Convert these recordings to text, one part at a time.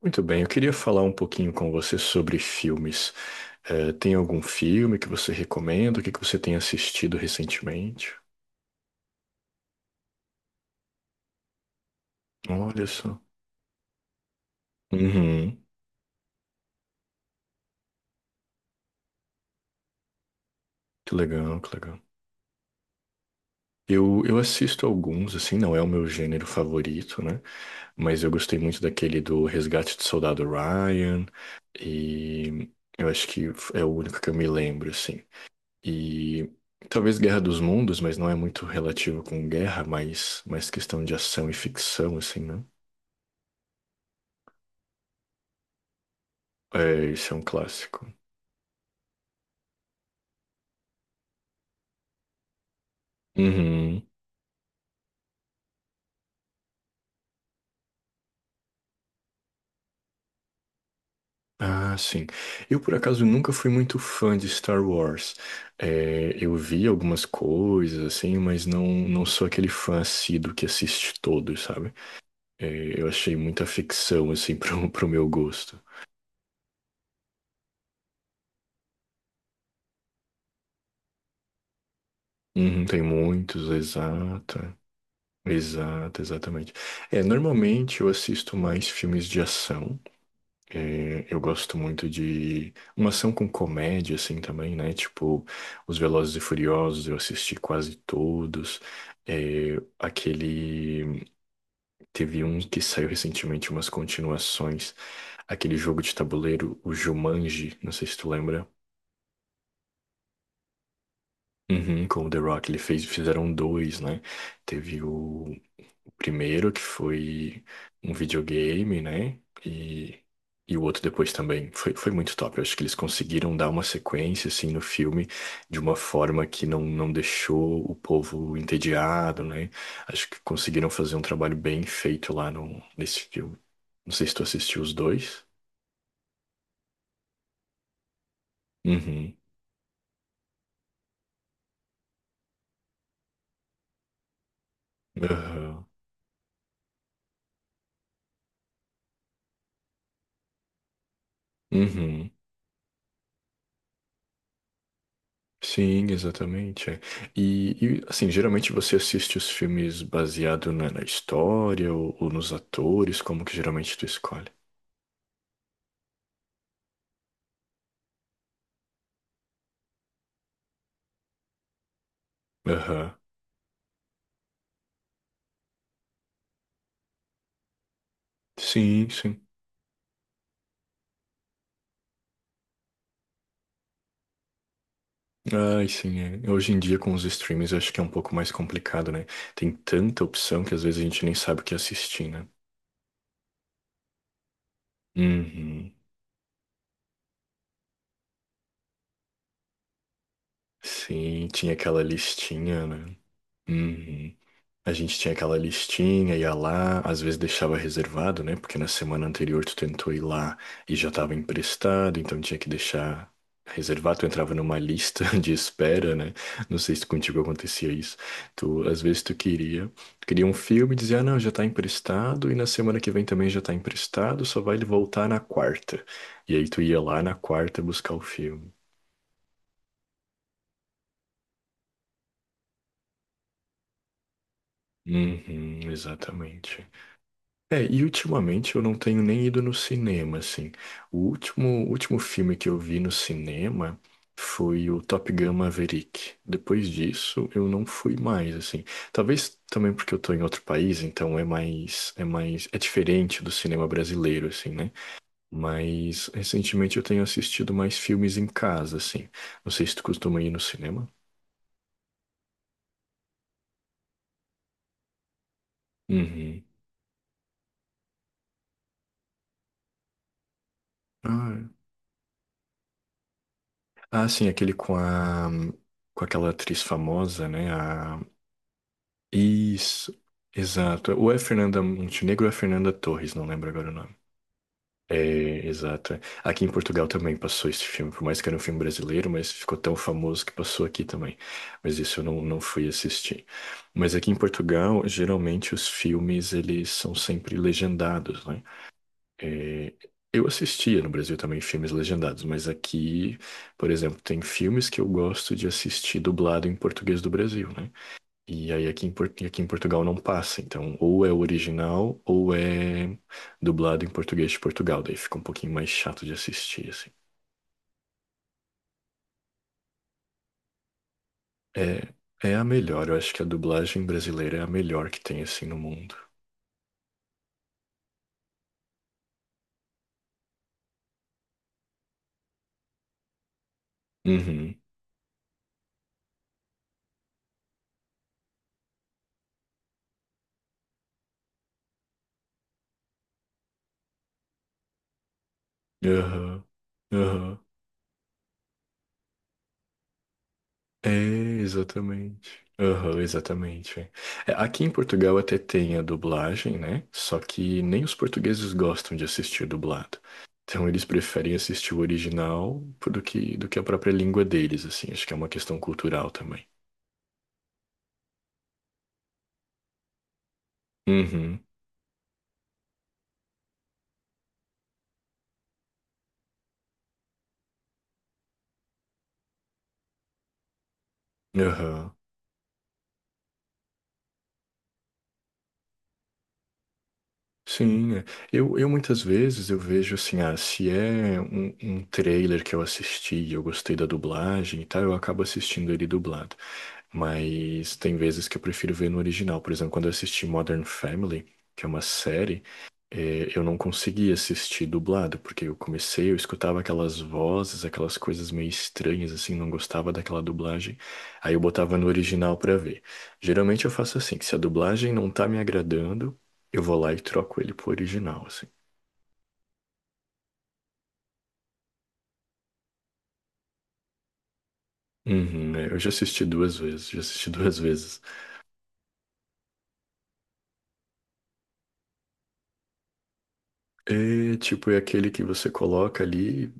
Muito bem, eu queria falar um pouquinho com você sobre filmes. Tem algum filme que você recomenda? O que que você tem assistido recentemente? Olha só. Uhum, que legal, que legal. Eu assisto alguns, assim, não é o meu gênero favorito, né? Mas eu gostei muito daquele do Resgate do Soldado Ryan, e eu acho que é o único que eu me lembro, assim. E talvez Guerra dos Mundos, mas não é muito relativo com guerra, mas mais questão de ação e ficção, assim, né? É, esse é um clássico. Uhum. Ah, sim. Eu, por acaso, nunca fui muito fã de Star Wars. É, eu vi algumas coisas, assim, mas não sou aquele fã assíduo que assiste todos, sabe? É, eu achei muita ficção, assim, pro meu gosto. Uhum, tem muitos, exato. Exato, exatamente. É, normalmente eu assisto mais filmes de ação. É, eu gosto muito de uma ação com comédia, assim, também, né? Tipo, os Velozes e Furiosos, eu assisti quase todos. É, aquele... Teve um que saiu recentemente, umas continuações. Aquele jogo de tabuleiro, o Jumanji, não sei se tu lembra. Uhum, com o The Rock, ele fez, fizeram dois, né? Teve o primeiro, que foi um videogame, né? E o outro depois também. Foi, foi muito top. Eu acho que eles conseguiram dar uma sequência, assim, no filme de uma forma que não deixou o povo entediado, né? Acho que conseguiram fazer um trabalho bem feito lá no, nesse filme. Não sei se tu assistiu os dois. Uhum. Aham. Uhum. Sim, exatamente. É. E, e, assim, geralmente você assiste os filmes baseado na, na história ou nos atores, como que geralmente tu escolhe? Aham. Sim, sim. Ai, sim, é. Hoje em dia com os streams eu acho que é um pouco mais complicado, né? Tem tanta opção que às vezes a gente nem sabe o que assistir, né? Uhum. Sim, tinha aquela listinha, né? Uhum. A gente tinha aquela listinha, ia lá, às vezes deixava reservado, né? Porque na semana anterior tu tentou ir lá e já estava emprestado, então tinha que deixar reservado. Tu entrava numa lista de espera, né? Não sei se contigo acontecia isso. Tu, às vezes tu queria um filme e dizia, ah, não, já tá emprestado e na semana que vem também já tá emprestado, só vai ele voltar na quarta. E aí tu ia lá na quarta buscar o filme. Uhum, exatamente. É, e ultimamente eu não tenho nem ido no cinema, assim. O último, último filme que eu vi no cinema foi o Top Gun Maverick. Depois disso, eu não fui mais, assim. Talvez também porque eu tô em outro país, então é mais, é mais, é diferente do cinema brasileiro, assim, né? Mas recentemente eu tenho assistido mais filmes em casa, assim. Não sei se tu costuma ir no cinema. Uhum. Ah, é. Ah, sim, aquele com a, com aquela atriz famosa, né? A... Isso, exato. Ou é Fernanda Montenegro ou é Fernanda Torres, não lembro agora o nome. É, exato. Aqui em Portugal também passou esse filme, por mais que era um filme brasileiro, mas ficou tão famoso que passou aqui também. Mas isso eu não, não fui assistir. Mas aqui em Portugal, geralmente os filmes, eles são sempre legendados, né? É, eu assistia no Brasil também filmes legendados, mas aqui, por exemplo, tem filmes que eu gosto de assistir dublado em português do Brasil, né? E aí aqui em, Por- e aqui em Portugal não passa, então ou é o original ou é dublado em português de Portugal, daí fica um pouquinho mais chato de assistir, assim. É, é a melhor, eu acho que a dublagem brasileira é a melhor que tem, assim, no mundo. Uhum, aham, aham. É, exatamente. Aham, exatamente. É, aqui em Portugal até tem a dublagem, né? Só que nem os portugueses gostam de assistir dublado. Então eles preferem assistir o original do que a própria língua deles, assim. Acho que é uma questão cultural também. Uhum, aham. Sim, é. Eu muitas vezes eu vejo assim, ah, se é um, um trailer que eu assisti e eu gostei da dublagem e tal, eu acabo assistindo ele dublado. Mas tem vezes que eu prefiro ver no original. Por exemplo, quando eu assisti Modern Family, que é uma série, eu não conseguia assistir dublado, porque eu comecei, eu escutava aquelas vozes, aquelas coisas meio estranhas, assim, não gostava daquela dublagem. Aí eu botava no original pra ver. Geralmente eu faço assim, se a dublagem não tá me agradando, eu vou lá e troco ele pro original, assim. Uhum, é, eu já assisti duas vezes, já assisti duas vezes. É, tipo, é aquele que você coloca ali,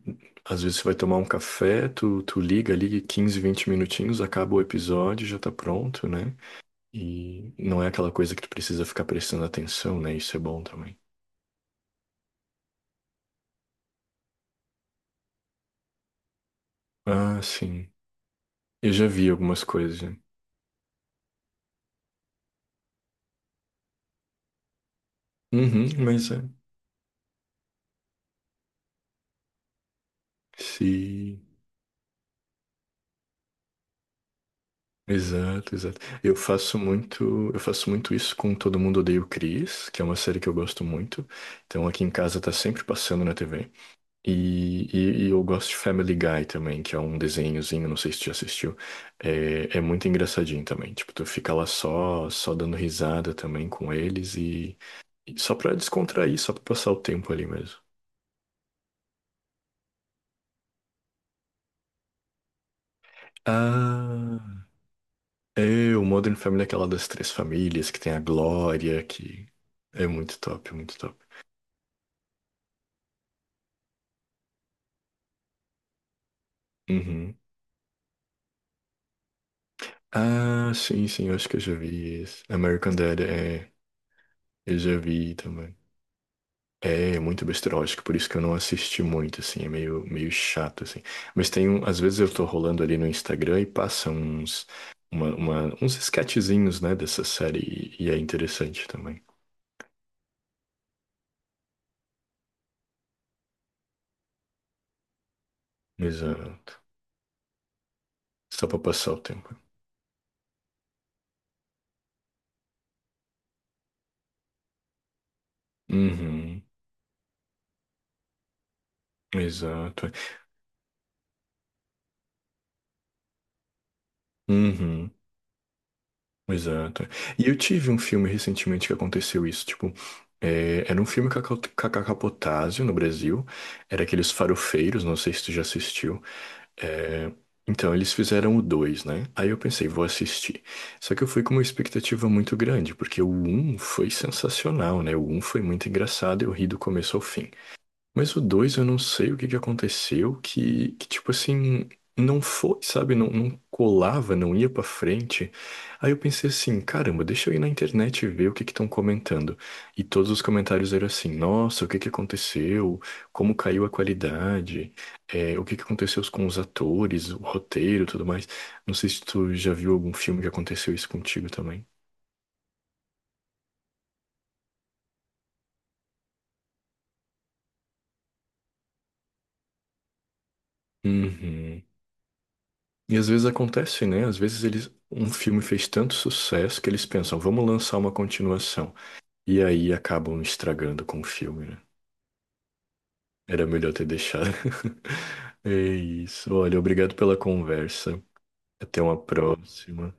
às vezes você vai tomar um café, tu liga ali 15, 20 minutinhos, acaba o episódio, já tá pronto, né? E não é aquela coisa que tu precisa ficar prestando atenção, né? Isso é bom também. Ah, sim. Eu já vi algumas coisas. Né? Uhum, mas é. Se... Exato, exato. Eu faço muito isso com Todo Mundo Odeia o Chris, que é uma série que eu gosto muito. Então aqui em casa tá sempre passando na TV. E eu gosto de Family Guy também, que é um desenhozinho, não sei se tu já assistiu. É, é muito engraçadinho também. Tipo, tu fica lá só dando risada também com eles e só pra descontrair, só pra passar o tempo ali mesmo. Ah, é, o Modern Family é aquela das três famílias que tem a Glória, que é muito top, muito top. Uhum. Ah, sim, sim, eu acho que eu já vi isso. American Dad, é, eu já vi também. É, é muito besteira, que por isso que eu não assisti muito, assim, é meio, meio chato, assim. Mas tem um, às vezes eu tô rolando ali no Instagram e passa uns, uns sketchzinhos, né, dessa série e é interessante também. Exato. Só pra passar o tempo. Uhum, exato. Uhum. Exato. E eu tive um filme recentemente que aconteceu isso, tipo, é, era um filme com a Cal- com a Cacá Potásio no Brasil, era aqueles farofeiros, não sei se tu já assistiu. É, então, eles fizeram o 2 né? Aí eu pensei, vou assistir. Só que eu fui com uma expectativa muito grande, porque o um foi sensacional, né? O um foi muito engraçado, eu ri do começo ao fim. Mas o 2 eu não sei o que que aconteceu, que tipo assim, não foi, sabe? Não colava, não ia pra frente. Aí eu pensei assim, caramba, deixa eu ir na internet e ver o que que estão comentando. E todos os comentários eram assim, nossa, o que que aconteceu? Como caiu a qualidade? É, o que que aconteceu com os atores, o roteiro, e tudo mais. Não sei se tu já viu algum filme que aconteceu isso contigo também. Uhum. E às vezes acontece, né? Às vezes eles, um filme fez tanto sucesso que eles pensam, vamos lançar uma continuação. E aí acabam estragando com o filme, né? Era melhor ter deixado. É isso. Olha, obrigado pela conversa. Até uma próxima.